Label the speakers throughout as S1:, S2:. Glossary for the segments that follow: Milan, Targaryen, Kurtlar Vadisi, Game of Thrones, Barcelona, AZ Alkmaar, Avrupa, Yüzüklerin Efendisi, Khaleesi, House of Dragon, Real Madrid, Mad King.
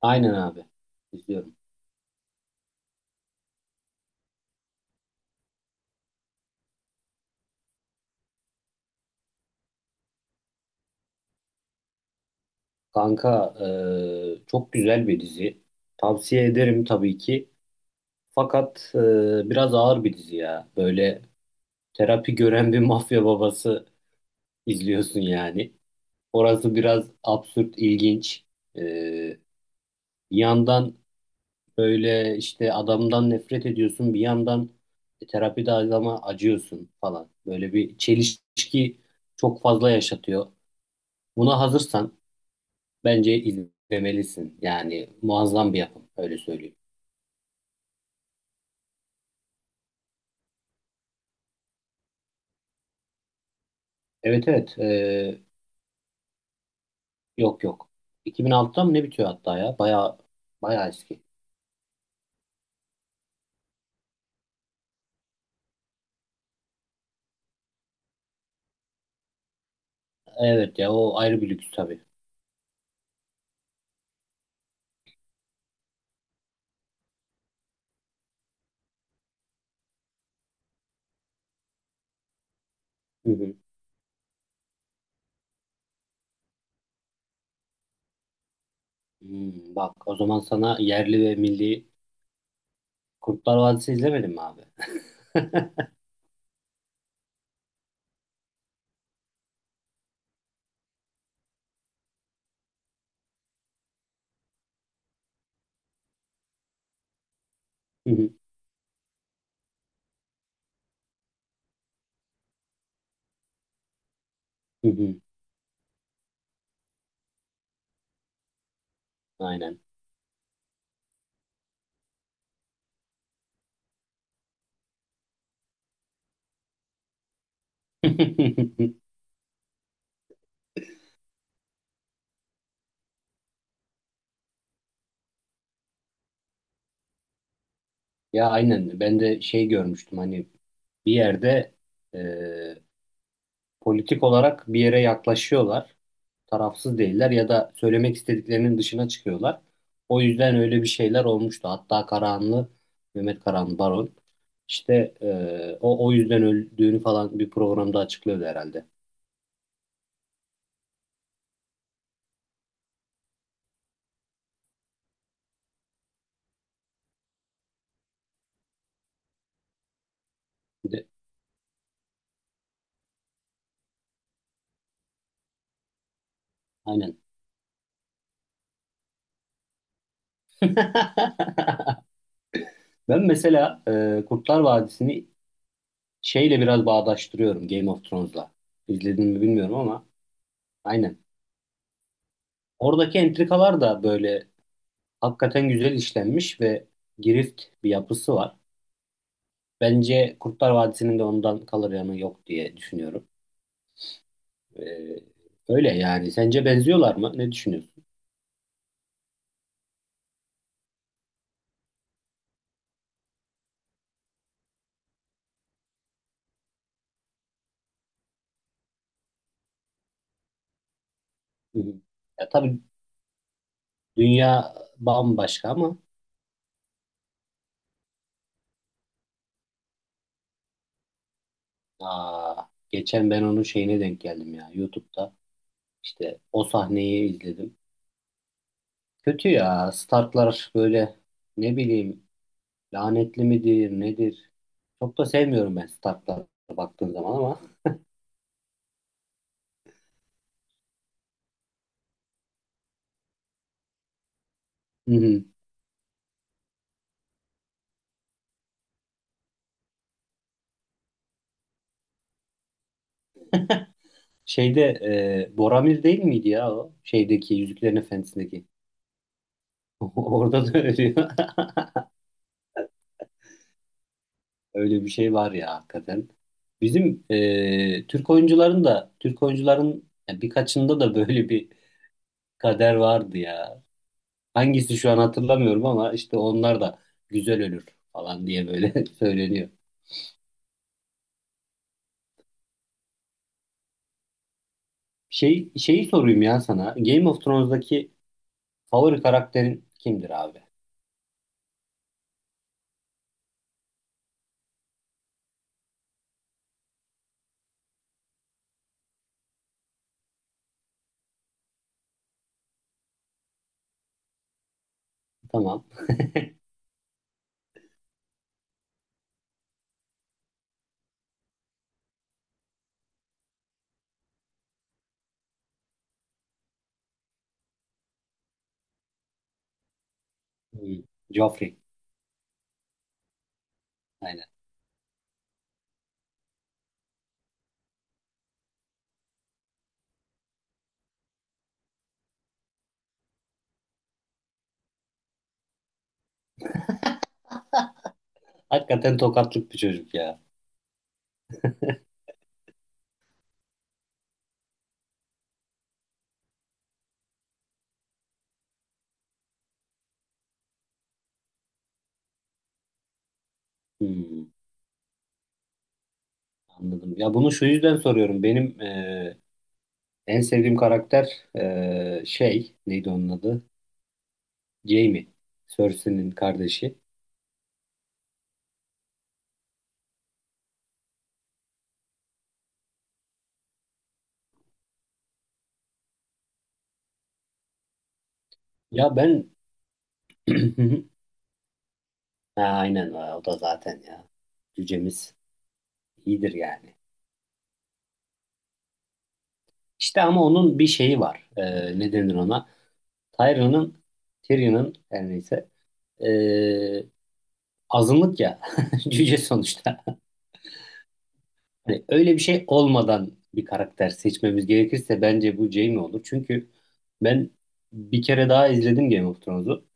S1: Aynen abi. İzliyorum. Kanka çok güzel bir dizi. Tavsiye ederim tabii ki. Fakat biraz ağır bir dizi ya. Böyle terapi gören bir mafya babası izliyorsun yani. Orası biraz absürt, ilginç. E, Bir yandan böyle işte adamdan nefret ediyorsun. Bir yandan terapide adama acıyorsun falan. Böyle bir çelişki çok fazla yaşatıyor. Buna hazırsan bence izlemelisin. Yani muazzam bir yapım. Öyle söyleyeyim. Evet evet. Yok yok. 2006'da mı ne bitiyor hatta ya? Baya baya eski. Evet ya o ayrı bir lüks tabii. Hı hı. Hmm, bak o zaman sana yerli ve milli Kurtlar Vadisi izlemedin mi abi? Hı hı, hı hı. Aynen. Ya aynen. Ben de şey görmüştüm hani bir yerde e, politik olarak bir yere yaklaşıyorlar. Tarafsız değiller ya da söylemek istediklerinin dışına çıkıyorlar. O yüzden öyle bir şeyler olmuştu. Hatta Karahanlı, Mehmet Karahanlı Baron işte o yüzden öldüğünü falan bir programda açıklıyordu herhalde. Bir de, aynen. Ben mesela Kurtlar Vadisi'ni şeyle biraz bağdaştırıyorum Game of Thrones'la. İzledin mi bilmiyorum ama aynen. Oradaki entrikalar da böyle hakikaten güzel işlenmiş ve girift bir yapısı var. Bence Kurtlar Vadisi'nin de ondan kalır yanı yok diye düşünüyorum. Ee, Öyle yani. Sence benziyorlar mı? Ne düşünüyorsun? Hı hı. Ya tabii dünya bambaşka ama aa, geçen ben onun şeyine denk geldim ya YouTube'da. İşte o sahneyi izledim. Kötü ya. Starklar böyle ne bileyim lanetli midir nedir? Çok da sevmiyorum ben Stark'lara baktığım zaman ama. Hı hı. Şeyde Boromir değil miydi ya o? Şeydeki Yüzüklerin Efendisi'ndeki. Orada da ölüyor. Öyle bir şey var ya hakikaten. Bizim Türk oyuncuların da Türk oyuncuların ya birkaçında da böyle bir kader vardı ya. Hangisi şu an hatırlamıyorum ama işte onlar da güzel ölür falan diye böyle söyleniyor. Şey şeyi sorayım ya sana. Game of Thrones'daki favori karakterin kimdir abi? Tamam. Hmm. Joffrey. Aynen. Hakikaten tokatlık bir çocuk ya. Hmm, anladım. Ya bunu şu yüzden soruyorum. Benim en sevdiğim karakter şey neydi onun adı? Jaime. Cersei'nin kardeşi. Ya ben ha, aynen o da zaten ya. Cücemiz iyidir yani. İşte ama onun bir şeyi var. Ne denir ona? Tyrion'un Tyrion'un her neyse eee, azınlık ya. Cüce sonuçta. Hani öyle bir şey olmadan bir karakter seçmemiz gerekirse bence bu Jaime olur. Çünkü ben bir kere daha izledim Game of Thrones'u.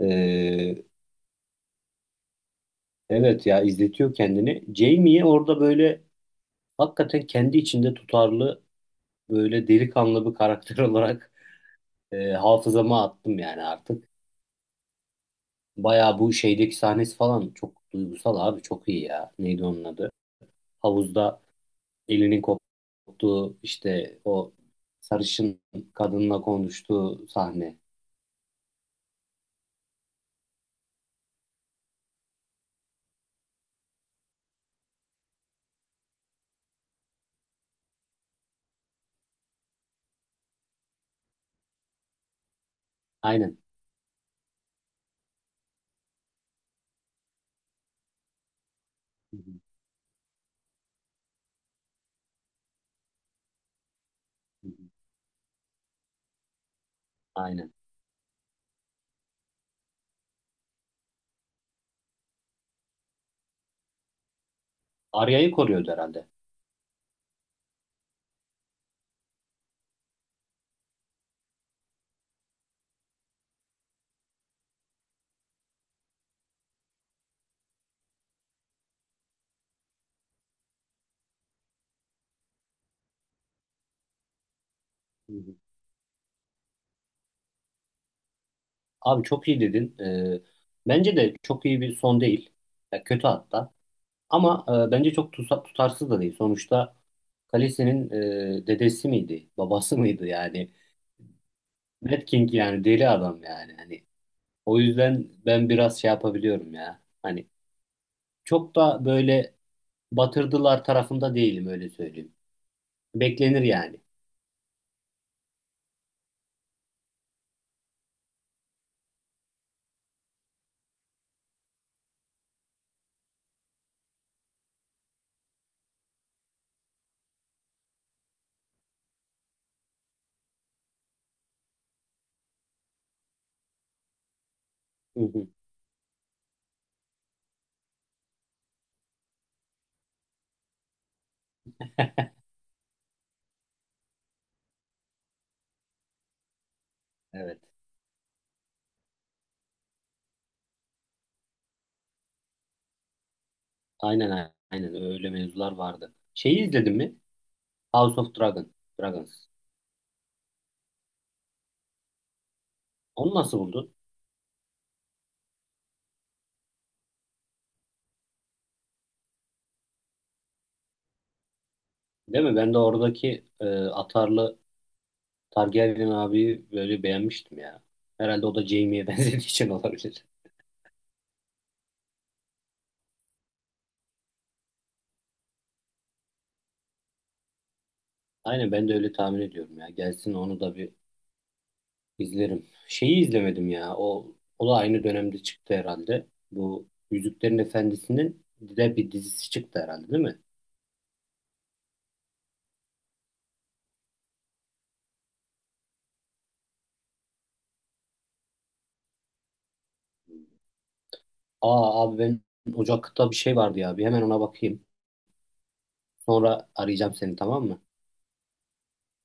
S1: Ee, Evet ya izletiyor kendini. Jamie'yi orada böyle hakikaten kendi içinde tutarlı böyle delikanlı bir karakter olarak hafızama attım yani artık. Bayağı bu şeydeki sahnesi falan çok duygusal abi çok iyi ya. Neydi onun adı? Havuzda elinin koptuğu işte o sarışın kadınla konuştuğu sahne. Aynen. Hı hı, hı hı. Aynen. Arya'yı koruyordu herhalde. Hı hı. Abi çok iyi dedin. Bence de çok iyi bir son değil. Ya kötü hatta. Ama bence çok tutarsız da değil. Sonuçta Khaleesi'nin dedesi miydi, babası mıydı yani? Mad King yani deli adam yani. Hani o yüzden ben biraz şey yapabiliyorum ya. Hani çok da böyle batırdılar tarafında değilim öyle söyleyeyim. Beklenir yani. Hı hı. Evet. Aynen aynen öyle mevzular vardı. Şeyi izledin mi? House of Dragon, Dragons. Onu nasıl buldun? Değil mi? Ben de oradaki atarlı Targaryen abi böyle beğenmiştim ya. Herhalde o da Jaime'ye benzediği için olabilir. Aynen ben de öyle tahmin ediyorum ya. Gelsin onu da bir izlerim. Şeyi izlemedim ya. O, o da aynı dönemde çıktı herhalde. Bu Yüzüklerin Efendisi'nin de bir dizisi çıktı herhalde değil mi? Aa abi ben Ocak'ta bir şey vardı ya. Bir hemen ona bakayım. Sonra arayacağım seni tamam mı?